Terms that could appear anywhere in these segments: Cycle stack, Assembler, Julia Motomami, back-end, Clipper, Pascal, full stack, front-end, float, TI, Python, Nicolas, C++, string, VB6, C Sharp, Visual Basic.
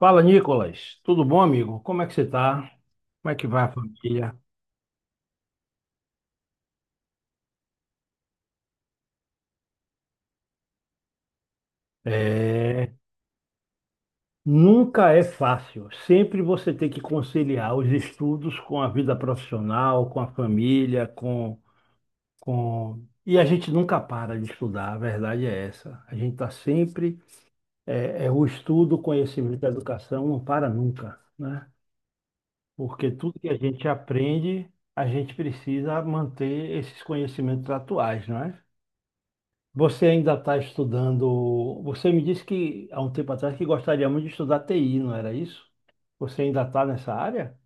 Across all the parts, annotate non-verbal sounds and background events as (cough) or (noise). Fala, Nicolas. Tudo bom, amigo? Como é que você tá? Como é que vai a família? É, nunca é fácil. Sempre você tem que conciliar os estudos com a vida profissional, com a família, com. E a gente nunca para de estudar, a verdade é essa. A gente está sempre. É, é o estudo, o conhecimento, a educação não para nunca, né? Porque tudo que a gente aprende, a gente precisa manter esses conhecimentos atuais, não é? Você ainda está estudando. Você me disse que há um tempo atrás que gostaria muito de estudar TI, não era isso? Você ainda está nessa área?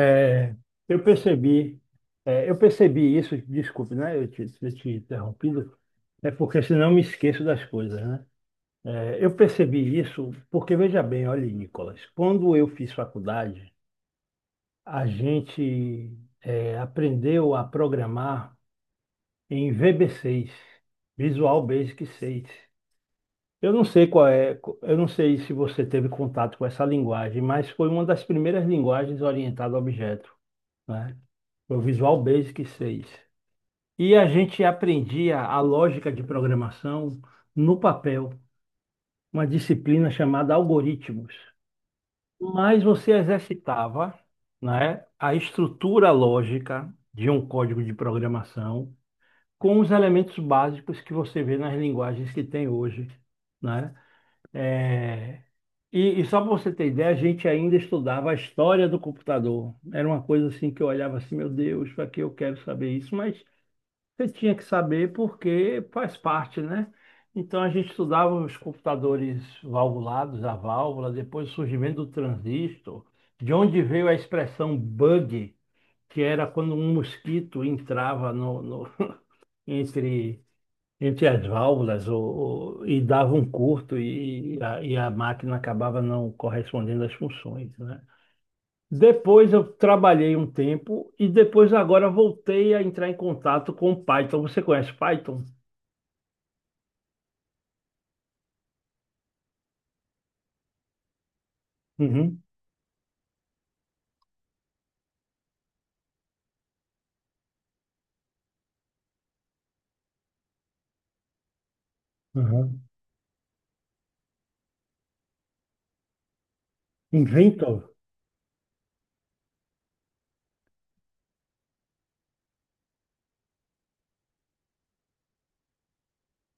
É, Eu percebi, eu percebi isso, desculpe, né? Ter te interrompido, é porque senão eu me esqueço das coisas, né? É, eu percebi isso porque, veja bem, olha, Nicolas, quando eu fiz faculdade, a gente, aprendeu a programar em VB6, Visual Basic 6. Eu não sei qual é, eu não sei se você teve contato com essa linguagem, mas foi uma das primeiras linguagens orientada a objeto, né? Foi o Visual Basic 6. E a gente aprendia a lógica de programação no papel, uma disciplina chamada algoritmos. Mas você exercitava, né, a estrutura lógica de um código de programação com os elementos básicos que você vê nas linguagens que tem hoje, né? É, e só para você ter ideia, a gente ainda estudava a história do computador. Era uma coisa assim que eu olhava assim, meu Deus, para que eu quero saber isso? Mas você tinha que saber porque faz parte, né? Então a gente estudava os computadores valvulados, a válvula, depois o surgimento do transistor, de onde veio a expressão bug, que era quando um mosquito entrava no (laughs) entre entre as válvulas, e dava um curto, e a máquina acabava não correspondendo às funções, né? Depois eu trabalhei um tempo e depois agora voltei a entrar em contato com o Python. Você conhece Python? Uhum, uhum. Inventor?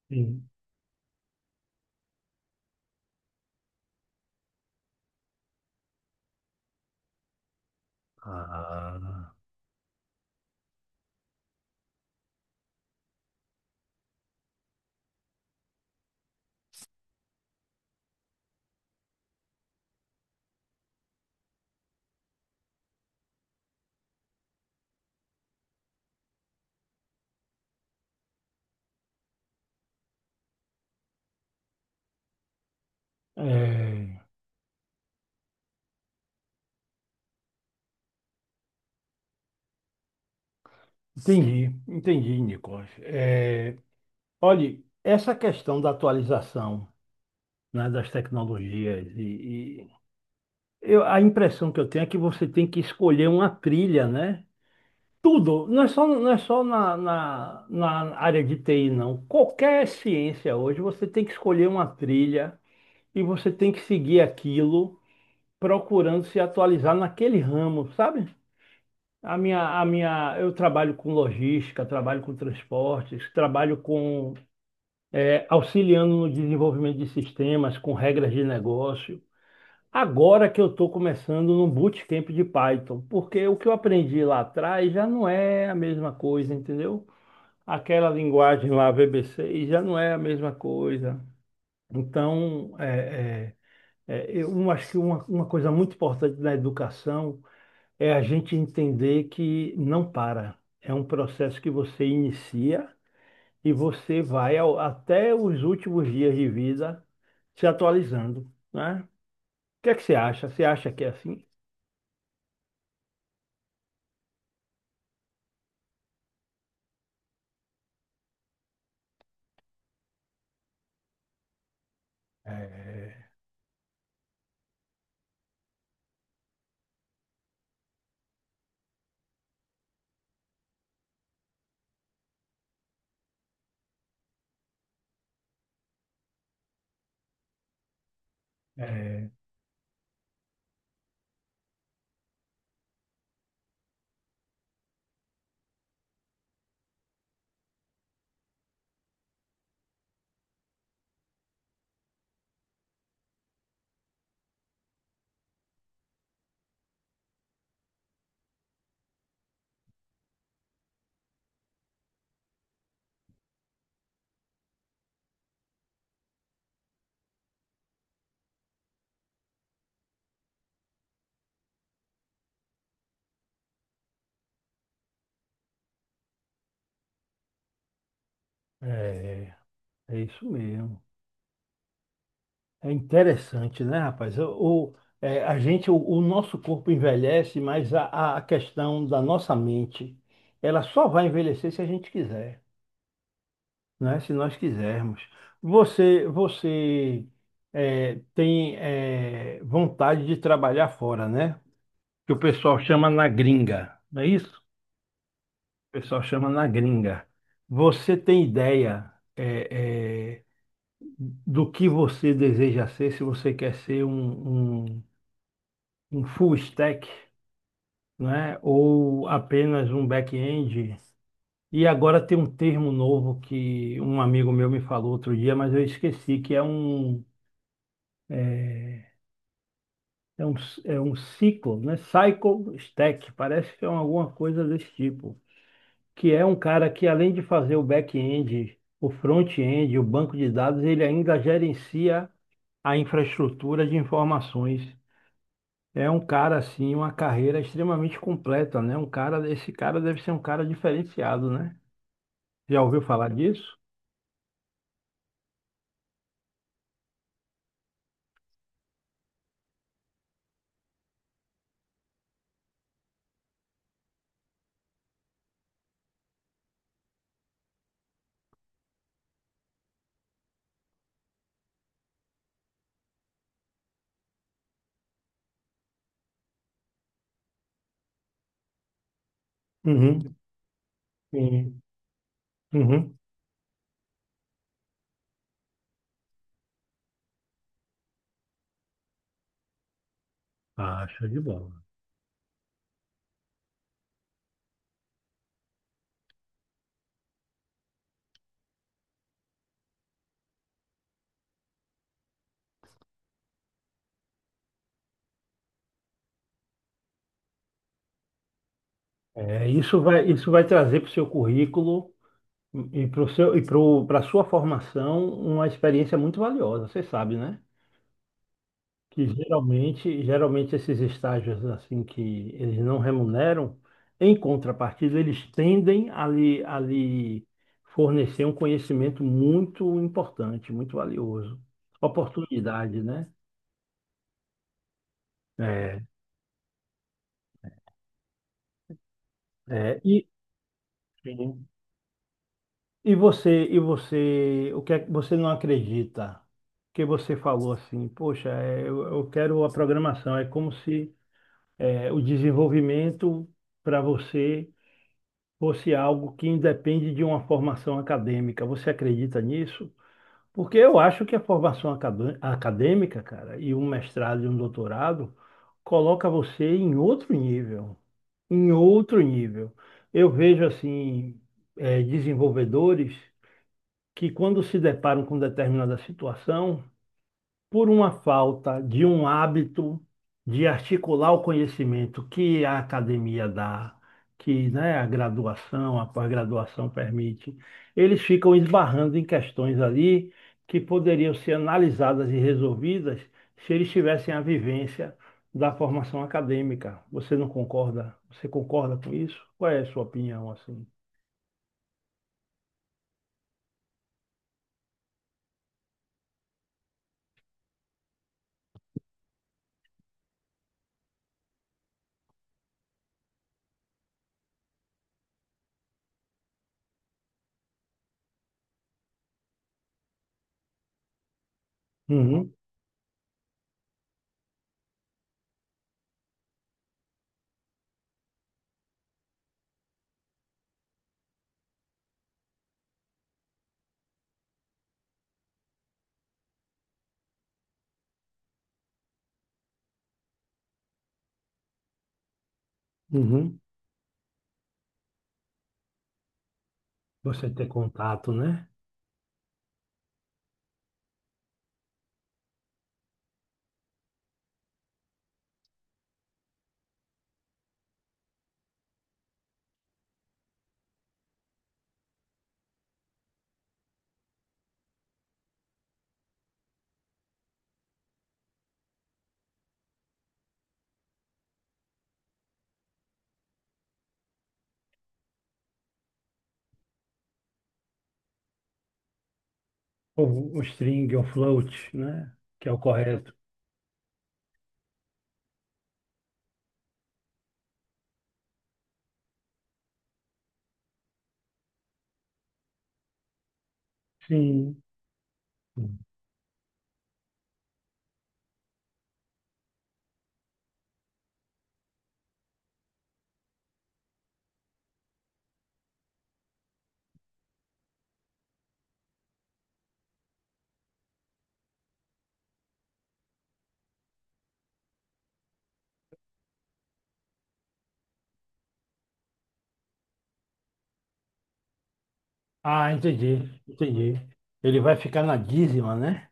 Sim. Ah, É, entendi, entendi, Nicolas. É, olhe, essa questão da atualização, né, das tecnologias, e, a impressão que eu tenho é que você tem que escolher uma trilha, né? Tudo, não é só na área de TI, não. Qualquer ciência hoje, você tem que escolher uma trilha e você tem que seguir aquilo, procurando se atualizar naquele ramo, sabe? Eu trabalho com logística, trabalho com transportes, trabalho com, auxiliando no desenvolvimento de sistemas, com regras de negócio. Agora que eu estou começando num bootcamp de Python, porque o que eu aprendi lá atrás já não é a mesma coisa, entendeu? Aquela linguagem lá, VB6, já não é a mesma coisa. Então, acho que uma coisa muito importante na educação é a gente entender que não para. É um processo que você inicia e você vai até os últimos dias de vida se atualizando, né? O que é que você acha? Você acha que é assim? É, é, é isso mesmo. É interessante, né, rapaz? O nosso corpo envelhece, mas a questão da nossa mente, ela só vai envelhecer se a gente quiser, né? Se nós quisermos. Você tem vontade de trabalhar fora, né? Que o pessoal chama na gringa, não é isso? O pessoal chama na gringa. Você tem ideia? é, é, do que você deseja ser, se você quer ser um full stack, né? Ou apenas um back-end. E agora tem um termo novo que um amigo meu me falou outro dia, mas eu esqueci, que é é, é um, um ciclo, né? Cycle stack, parece que é alguma coisa desse tipo. Que é um cara que, além de fazer o back-end, o front-end, o banco de dados, ele ainda gerencia a infraestrutura de informações. É um cara assim, uma carreira extremamente completa, né? Um cara, esse cara deve ser um cara diferenciado, né? Já ouviu falar disso? Uhum, sim, uhum. Ah, show de bola. É, isso vai trazer para o seu currículo e para o seu, e para a sua formação uma experiência muito valiosa, você sabe, né? Que geralmente esses estágios assim que eles não remuneram, em contrapartida, eles tendem a lhe fornecer um conhecimento muito importante, muito valioso. Oportunidade, né? É, é, e, Sim. E você, o que é que você não acredita? Que você falou assim, poxa, eu quero a programação. É como se o desenvolvimento para você fosse algo que independe de uma formação acadêmica. Você acredita nisso? Porque eu acho que a formação acadêmica, cara, e um mestrado e um doutorado coloca você em outro nível, em outro nível. Eu vejo assim, desenvolvedores que, quando se deparam com determinada situação, por uma falta de um hábito de articular o conhecimento que a academia dá, que, né, a graduação, a pós-graduação permite, eles ficam esbarrando em questões ali que poderiam ser analisadas e resolvidas se eles tivessem a vivência da formação acadêmica. Você não concorda? Você concorda com isso? Qual é a sua opinião assim? Uhum, uhum. Você ter contato, né? Ou o string, ou float, né? Que é o correto. Sim. Ah, entendi, entendi. Ele vai ficar na dízima, né?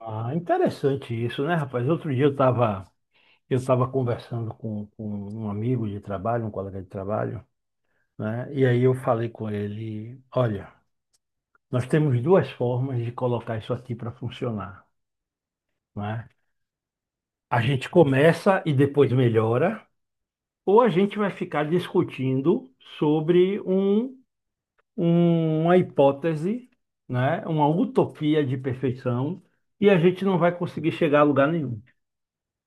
Ah, interessante isso, né, rapaz? Outro dia eu estava, eu estava conversando com um amigo de trabalho, um colega de trabalho, né? E aí eu falei com ele, olha, nós temos duas formas de colocar isso aqui para funcionar, né? A gente começa e depois melhora, ou a gente vai ficar discutindo sobre um, uma hipótese, né? Uma utopia de perfeição, e a gente não vai conseguir chegar a lugar nenhum,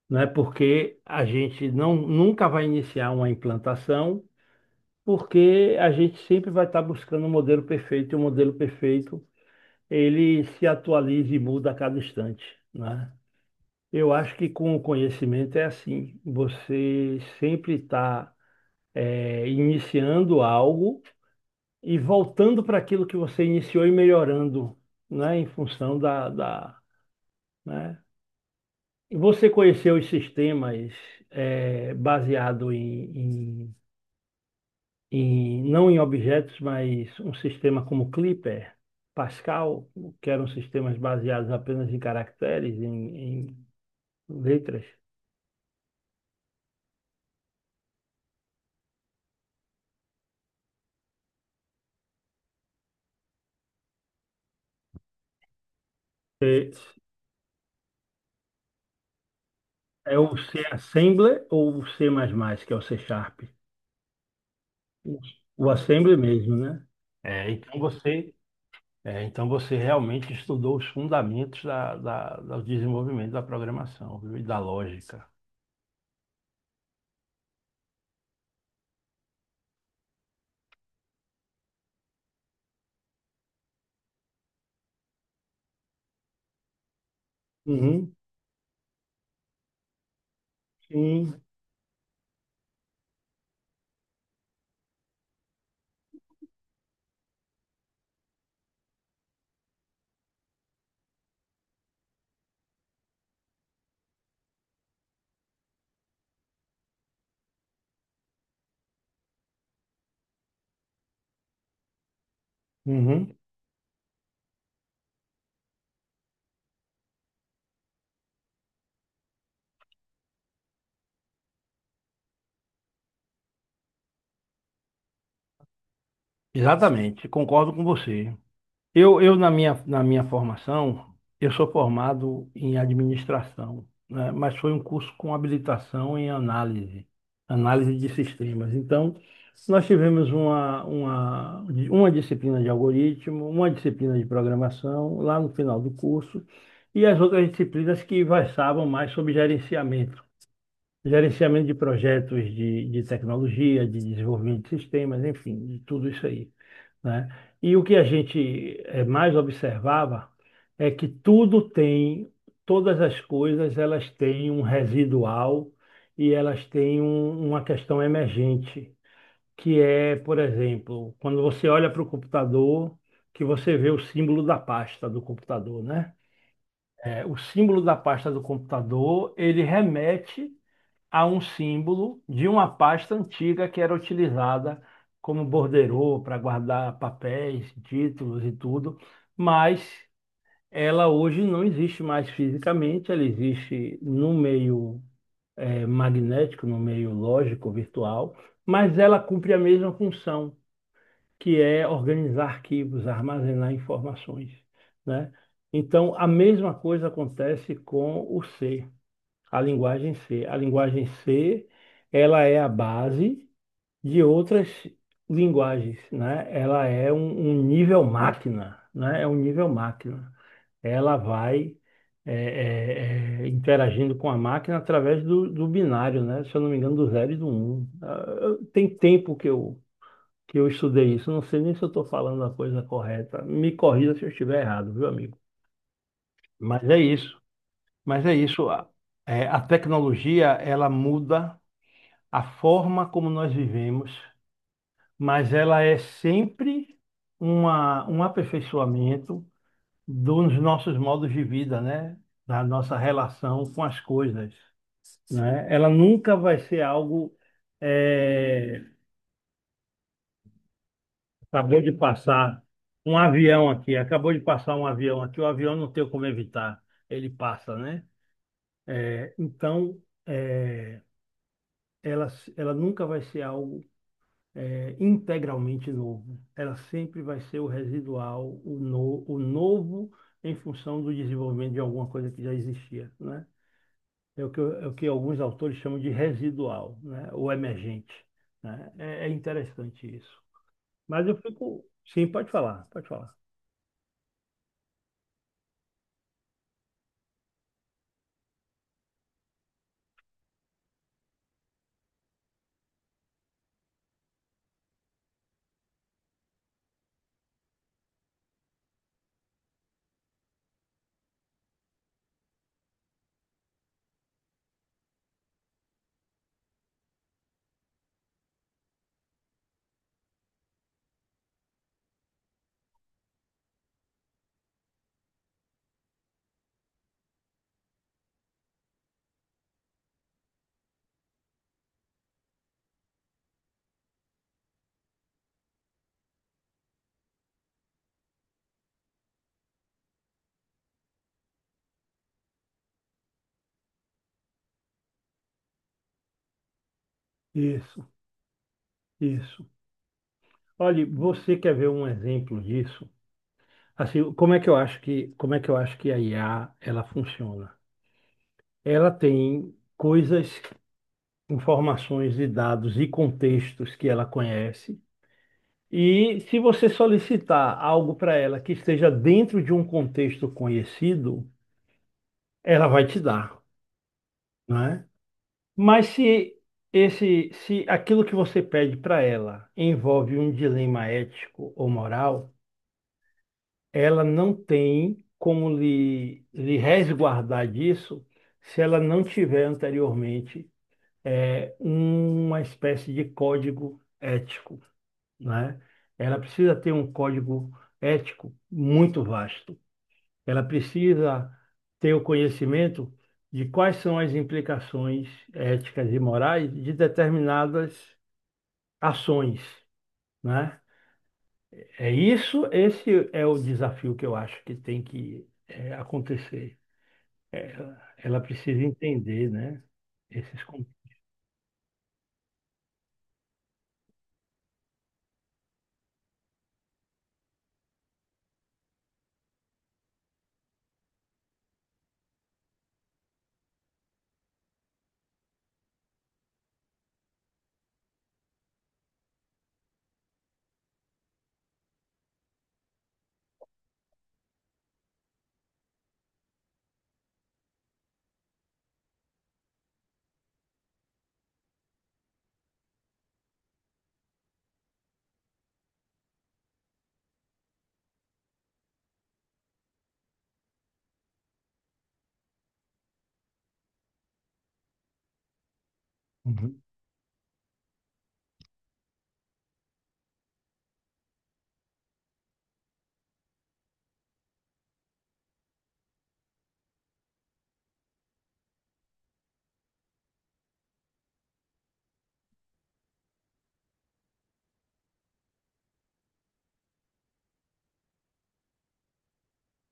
né? Porque a gente não nunca vai iniciar uma implantação, porque a gente sempre vai estar buscando um modelo perfeito, e o modelo perfeito, ele se atualiza e muda a cada instante, né? Eu acho que com o conhecimento é assim, você sempre está iniciando algo e voltando para aquilo que você iniciou e melhorando, né, em função da, né? Você conheceu os sistemas, baseado em não em objetos, mas um sistema como Clipper, Pascal, que eram sistemas baseados apenas em caracteres, em letras. Eh, É o C Assembler, ou o C++, que é o C Sharp? O Assembly mesmo, né? É, então você É, então você realmente estudou os fundamentos do desenvolvimento da programação, viu? E da lógica. Uhum, sim. Uhum. Exatamente, concordo com você. Eu, na minha formação, eu sou formado em administração, né? Mas foi um curso com habilitação em análise, análise de sistemas. Então, nós tivemos uma, uma disciplina de algoritmo, uma disciplina de programação lá no final do curso, e as outras disciplinas que versavam mais sobre gerenciamento, gerenciamento de projetos de tecnologia, de desenvolvimento de sistemas, enfim, de tudo isso aí, né? E o que a gente, mais observava é que tudo tem, todas as coisas, elas têm um residual e elas têm uma questão emergente, que é, por exemplo, quando você olha para o computador, que você vê o símbolo da pasta do computador, né? O símbolo da pasta do computador, ele remete a um símbolo de uma pasta antiga que era utilizada como borderô para guardar papéis, títulos e tudo, mas ela hoje não existe mais fisicamente, ela existe no meio, magnético, no meio lógico, virtual, mas ela cumpre a mesma função, que é organizar arquivos, armazenar informações, né? Então, a mesma coisa acontece com o ser. A linguagem C, ela é a base de outras linguagens, né? Ela é um nível máquina, né? É um nível máquina. Ela vai, interagindo com a máquina através do binário, né? Se eu não me engano, do zero e do um. Ah, tem tempo que eu estudei isso. Não sei nem se eu estou falando a coisa correta. Me corrija se eu estiver errado, viu, amigo? Mas é isso. Mas é isso. É, a tecnologia, ela muda a forma como nós vivemos, mas ela é sempre um aperfeiçoamento dos nossos modos de vida, né? Da nossa relação com as coisas, né? Ela nunca vai ser algo, eh, acabou de passar um avião aqui, acabou de passar um avião aqui, o avião não tem como evitar, ele passa, né? Então, ela, ela nunca vai ser algo, integralmente novo. Ela sempre vai ser o residual, o, no, o novo em função do desenvolvimento de alguma coisa que já existia, né? É o que alguns autores chamam de residual, né? Ou emergente, né? É interessante isso. Mas eu fico. Sim, pode falar, pode falar. Isso, isso. Olha, você quer ver um exemplo disso? Assim, como é que eu acho que a IA ela funciona? Ela tem coisas, informações e dados e contextos que ela conhece. E se você solicitar algo para ela que esteja dentro de um contexto conhecido, ela vai te dar, né? Mas se, se aquilo que você pede para ela envolve um dilema ético ou moral, ela não tem como lhe, resguardar disso se ela não tiver anteriormente é uma espécie de código ético. Né? Ela precisa ter um código ético muito vasto. Ela precisa ter o conhecimento de quais são as implicações éticas e morais de determinadas ações, né? É isso, esse é o desafio que eu acho que tem que, acontecer. Ela precisa entender, né? Esses con- Uhum.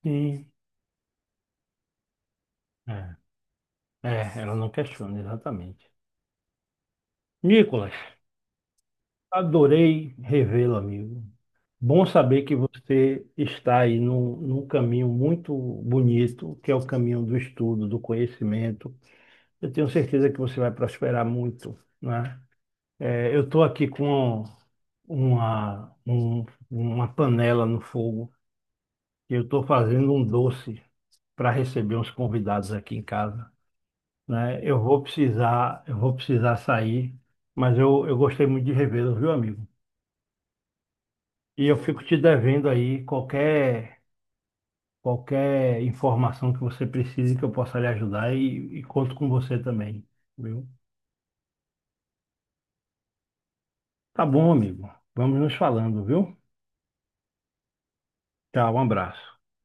Sim, é. É, ela não questiona, exatamente. Nicolas, adorei revê-lo, amigo. Bom saber que você está aí num, caminho muito bonito, que é o caminho do estudo, do conhecimento. Eu tenho certeza que você vai prosperar muito, né? Eu estou aqui com uma, uma panela no fogo, e eu estou fazendo um doce para receber uns convidados aqui em casa, né? Eu vou precisar sair, mas eu gostei muito de revê-lo, viu, amigo? E eu fico te devendo aí qualquer, qualquer informação que você precise que eu possa lhe ajudar, e conto com você também, viu? Tá bom, amigo. Vamos nos falando, viu? Tchau, um abraço.